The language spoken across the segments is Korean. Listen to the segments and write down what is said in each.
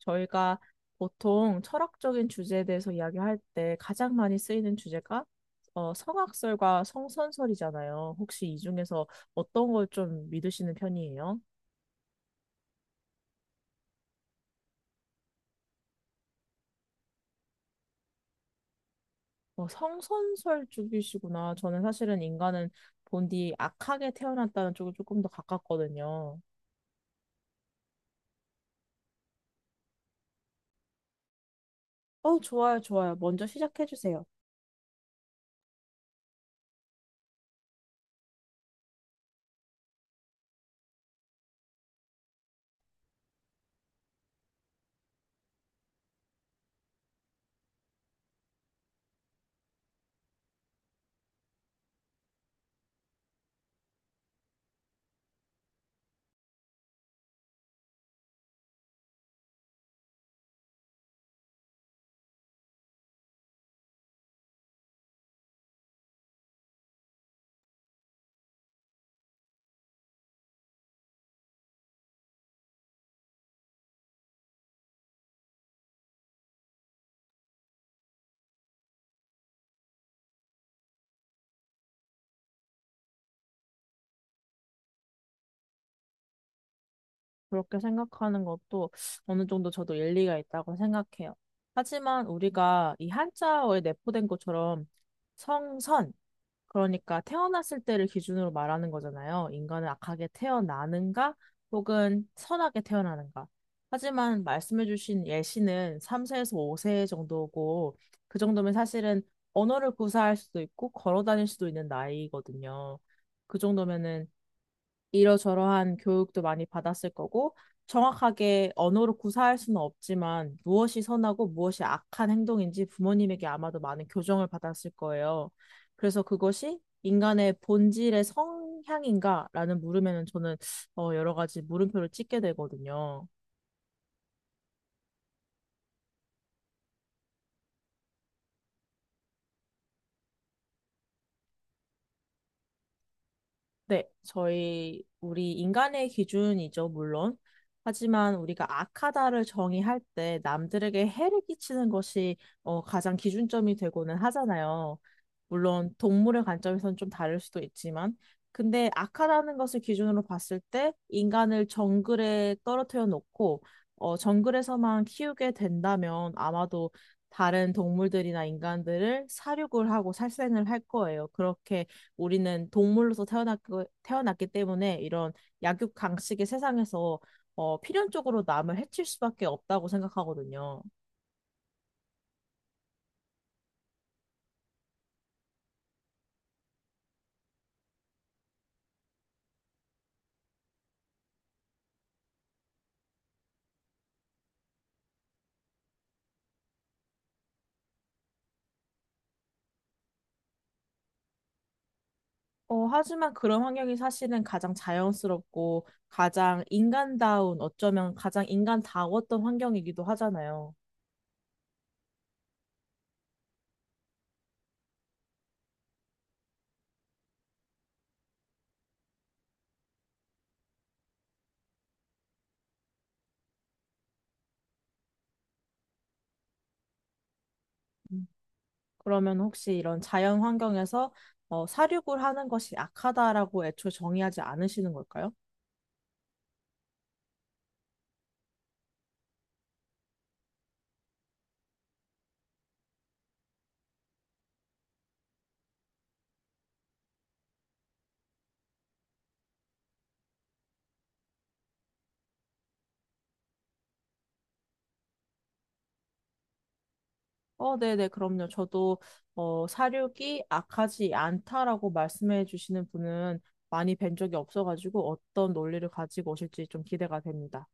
저희가 보통 철학적인 주제에 대해서 이야기할 때 가장 많이 쓰이는 주제가 성악설과 성선설이잖아요. 혹시 이 중에서 어떤 걸 좀 믿으시는 편이에요? 성선설 쪽이시구나. 저는 사실은 인간은 본디 악하게 태어났다는 쪽에 조금 더 가깝거든요. 좋아요, 좋아요. 먼저 시작해 주세요. 그렇게 생각하는 것도 어느 정도 저도 일리가 있다고 생각해요. 하지만 우리가 이 한자어에 내포된 것처럼 성선, 그러니까 태어났을 때를 기준으로 말하는 거잖아요. 인간은 악하게 태어나는가 혹은 선하게 태어나는가. 하지만 말씀해주신 예시는 3세에서 5세 정도고 그 정도면 사실은 언어를 구사할 수도 있고 걸어 다닐 수도 있는 나이거든요. 그 정도면은 이러저러한 교육도 많이 받았을 거고, 정확하게 언어로 구사할 수는 없지만, 무엇이 선하고 무엇이 악한 행동인지 부모님에게 아마도 많은 교정을 받았을 거예요. 그래서 그것이 인간의 본질의 성향인가라는 물음에는 저는 여러 가지 물음표를 찍게 되거든요. 네, 저희, 우리 인간의 기준이죠, 물론. 하지만 우리가 악하다를 정의할 때 남들에게 해를 끼치는 것이 가장 기준점이 되고는 하잖아요. 물론 동물의 관점에서는 좀 다를 수도 있지만, 근데 악하다는 것을 기준으로 봤을 때 인간을 정글에 떨어뜨려 놓고 정글에서만 키우게 된다면 아마도 다른 동물들이나 인간들을 사육을 하고 살생을 할 거예요. 그렇게 우리는 동물로서 태어났고, 태어났기 때문에 이런 약육강식의 세상에서 필연적으로 남을 해칠 수밖에 없다고 생각하거든요. 하지만 그런 환경이 사실은 가장 자연스럽고 가장 인간다운, 어쩌면 가장 인간다웠던 환경이기도 하잖아요. 음. 그러면 혹시 이런 자연 환경에서 사육을 하는 것이 악하다라고 애초에 정의하지 않으시는 걸까요? 네네, 그럼요. 저도 사육이 악하지 않다라고 말씀해 주시는 분은 많이 뵌 적이 없어가지고 어떤 논리를 가지고 오실지 좀 기대가 됩니다.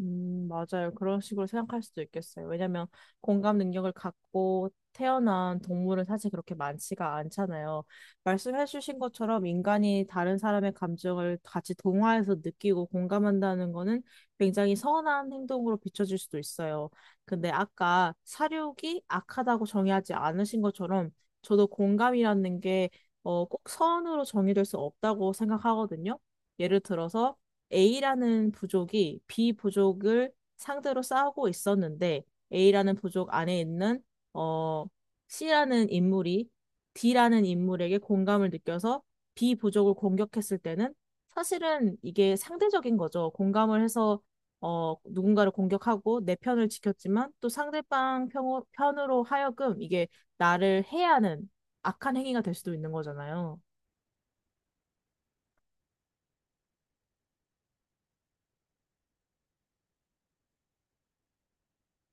맞아요. 그런 식으로 생각할 수도 있겠어요. 왜냐면 공감 능력을 갖고 태어난 동물은 사실 그렇게 많지가 않잖아요. 말씀해 주신 것처럼 인간이 다른 사람의 감정을 같이 동화해서 느끼고 공감한다는 거는 굉장히 선한 행동으로 비춰질 수도 있어요. 근데 아까 사육이 악하다고 정의하지 않으신 것처럼 저도 공감이라는 게 꼭 선으로 정의될 수 없다고 생각하거든요. 예를 들어서 A라는 부족이 B 부족을 상대로 싸우고 있었는데 A라는 부족 안에 있는 어, C라는 인물이 D라는 인물에게 공감을 느껴서 B 부족을 공격했을 때는 사실은 이게 상대적인 거죠. 공감을 해서 누군가를 공격하고 내 편을 지켰지만 또 상대방 편으로 하여금 이게 나를 해하는 악한 행위가 될 수도 있는 거잖아요.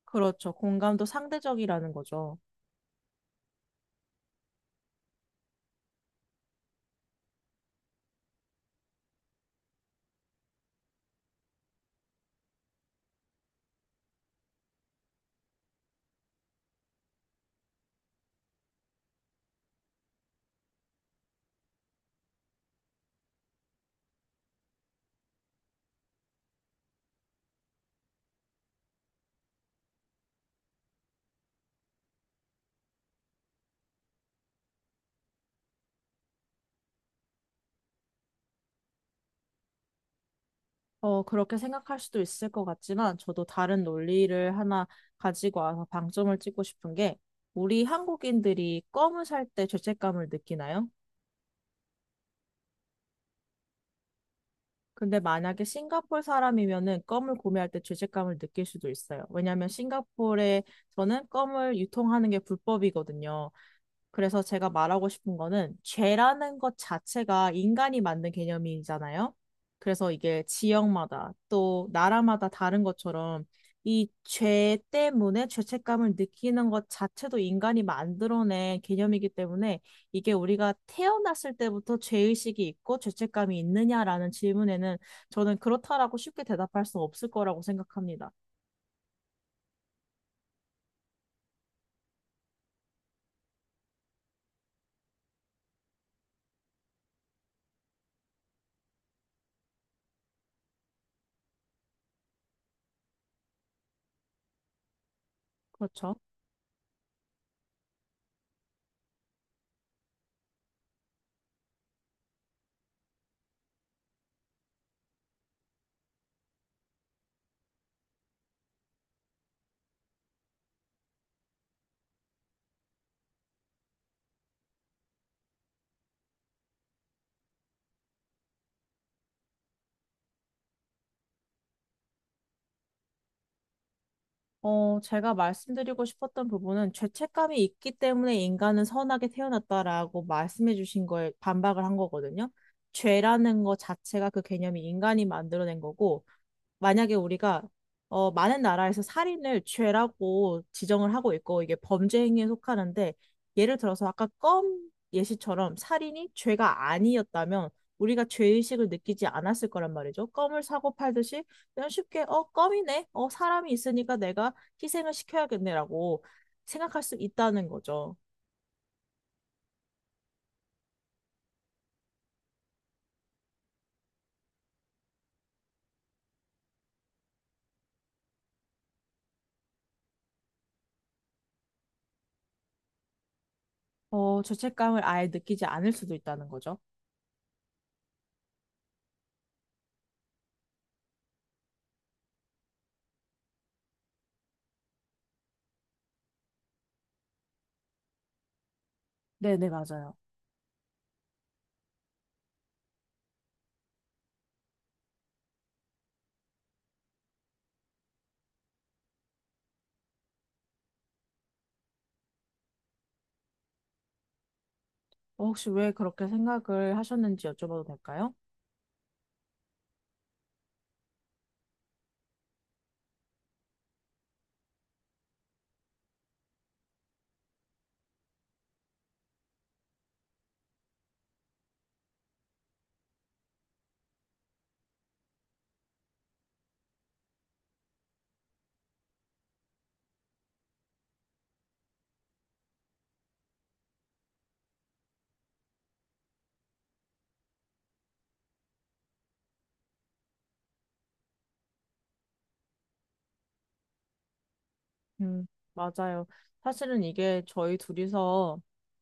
그렇죠. 공감도 상대적이라는 거죠. 그렇게 생각할 수도 있을 것 같지만, 저도 다른 논리를 하나 가지고 와서 방점을 찍고 싶은 게, 우리 한국인들이 껌을 살 때 죄책감을 느끼나요? 근데 만약에 싱가포르 사람이면은 껌을 구매할 때 죄책감을 느낄 수도 있어요. 왜냐하면 싱가포르에서는 껌을 유통하는 게 불법이거든요. 그래서 제가 말하고 싶은 거는 죄라는 것 자체가 인간이 만든 개념이잖아요. 그래서 이게 지역마다 또 나라마다 다른 것처럼 이 죄 때문에 죄책감을 느끼는 것 자체도 인간이 만들어낸 개념이기 때문에 이게 우리가 태어났을 때부터 죄의식이 있고 죄책감이 있느냐라는 질문에는 저는 그렇다라고 쉽게 대답할 수 없을 거라고 생각합니다. 그렇죠? 제가 말씀드리고 싶었던 부분은 죄책감이 있기 때문에 인간은 선하게 태어났다라고 말씀해 주신 거에 반박을 한 거거든요. 죄라는 거 자체가 그 개념이 인간이 만들어낸 거고, 만약에 우리가 많은 나라에서 살인을 죄라고 지정을 하고 있고 이게 범죄 행위에 속하는데 예를 들어서 아까 껌 예시처럼 살인이 죄가 아니었다면 우리가 죄의식을 느끼지 않았을 거란 말이죠. 껌을 사고 팔듯이 그냥 쉽게 어 껌이네. 어 사람이 있으니까 내가 희생을 시켜야겠네라고 생각할 수 있다는 거죠. 어 죄책감을 아예 느끼지 않을 수도 있다는 거죠. 네, 네, 맞아요. 혹시 왜 그렇게 생각을 하셨는지 여쭤봐도 될까요? 음, 맞아요. 사실은 이게 저희 둘이서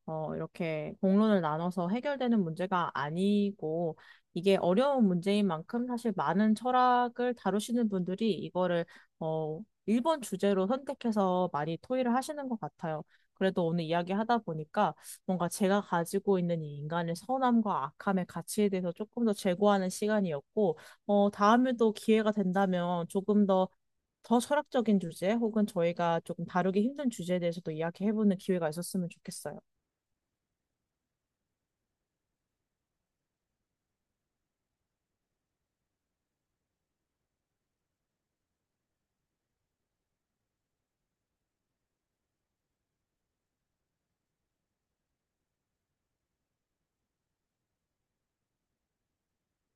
이렇게 공론을 나눠서 해결되는 문제가 아니고 이게 어려운 문제인 만큼 사실 많은 철학을 다루시는 분들이 이거를 어, 1번 주제로 선택해서 많이 토의를 하시는 것 같아요. 그래도 오늘 이야기하다 보니까 뭔가 제가 가지고 있는 이 인간의 선함과 악함의 가치에 대해서 조금 더 재고하는 시간이었고, 다음에도 기회가 된다면 조금 더 철학적인 주제 혹은 저희가 조금 다루기 힘든 주제에 대해서도 이야기해보는 기회가 있었으면 좋겠어요.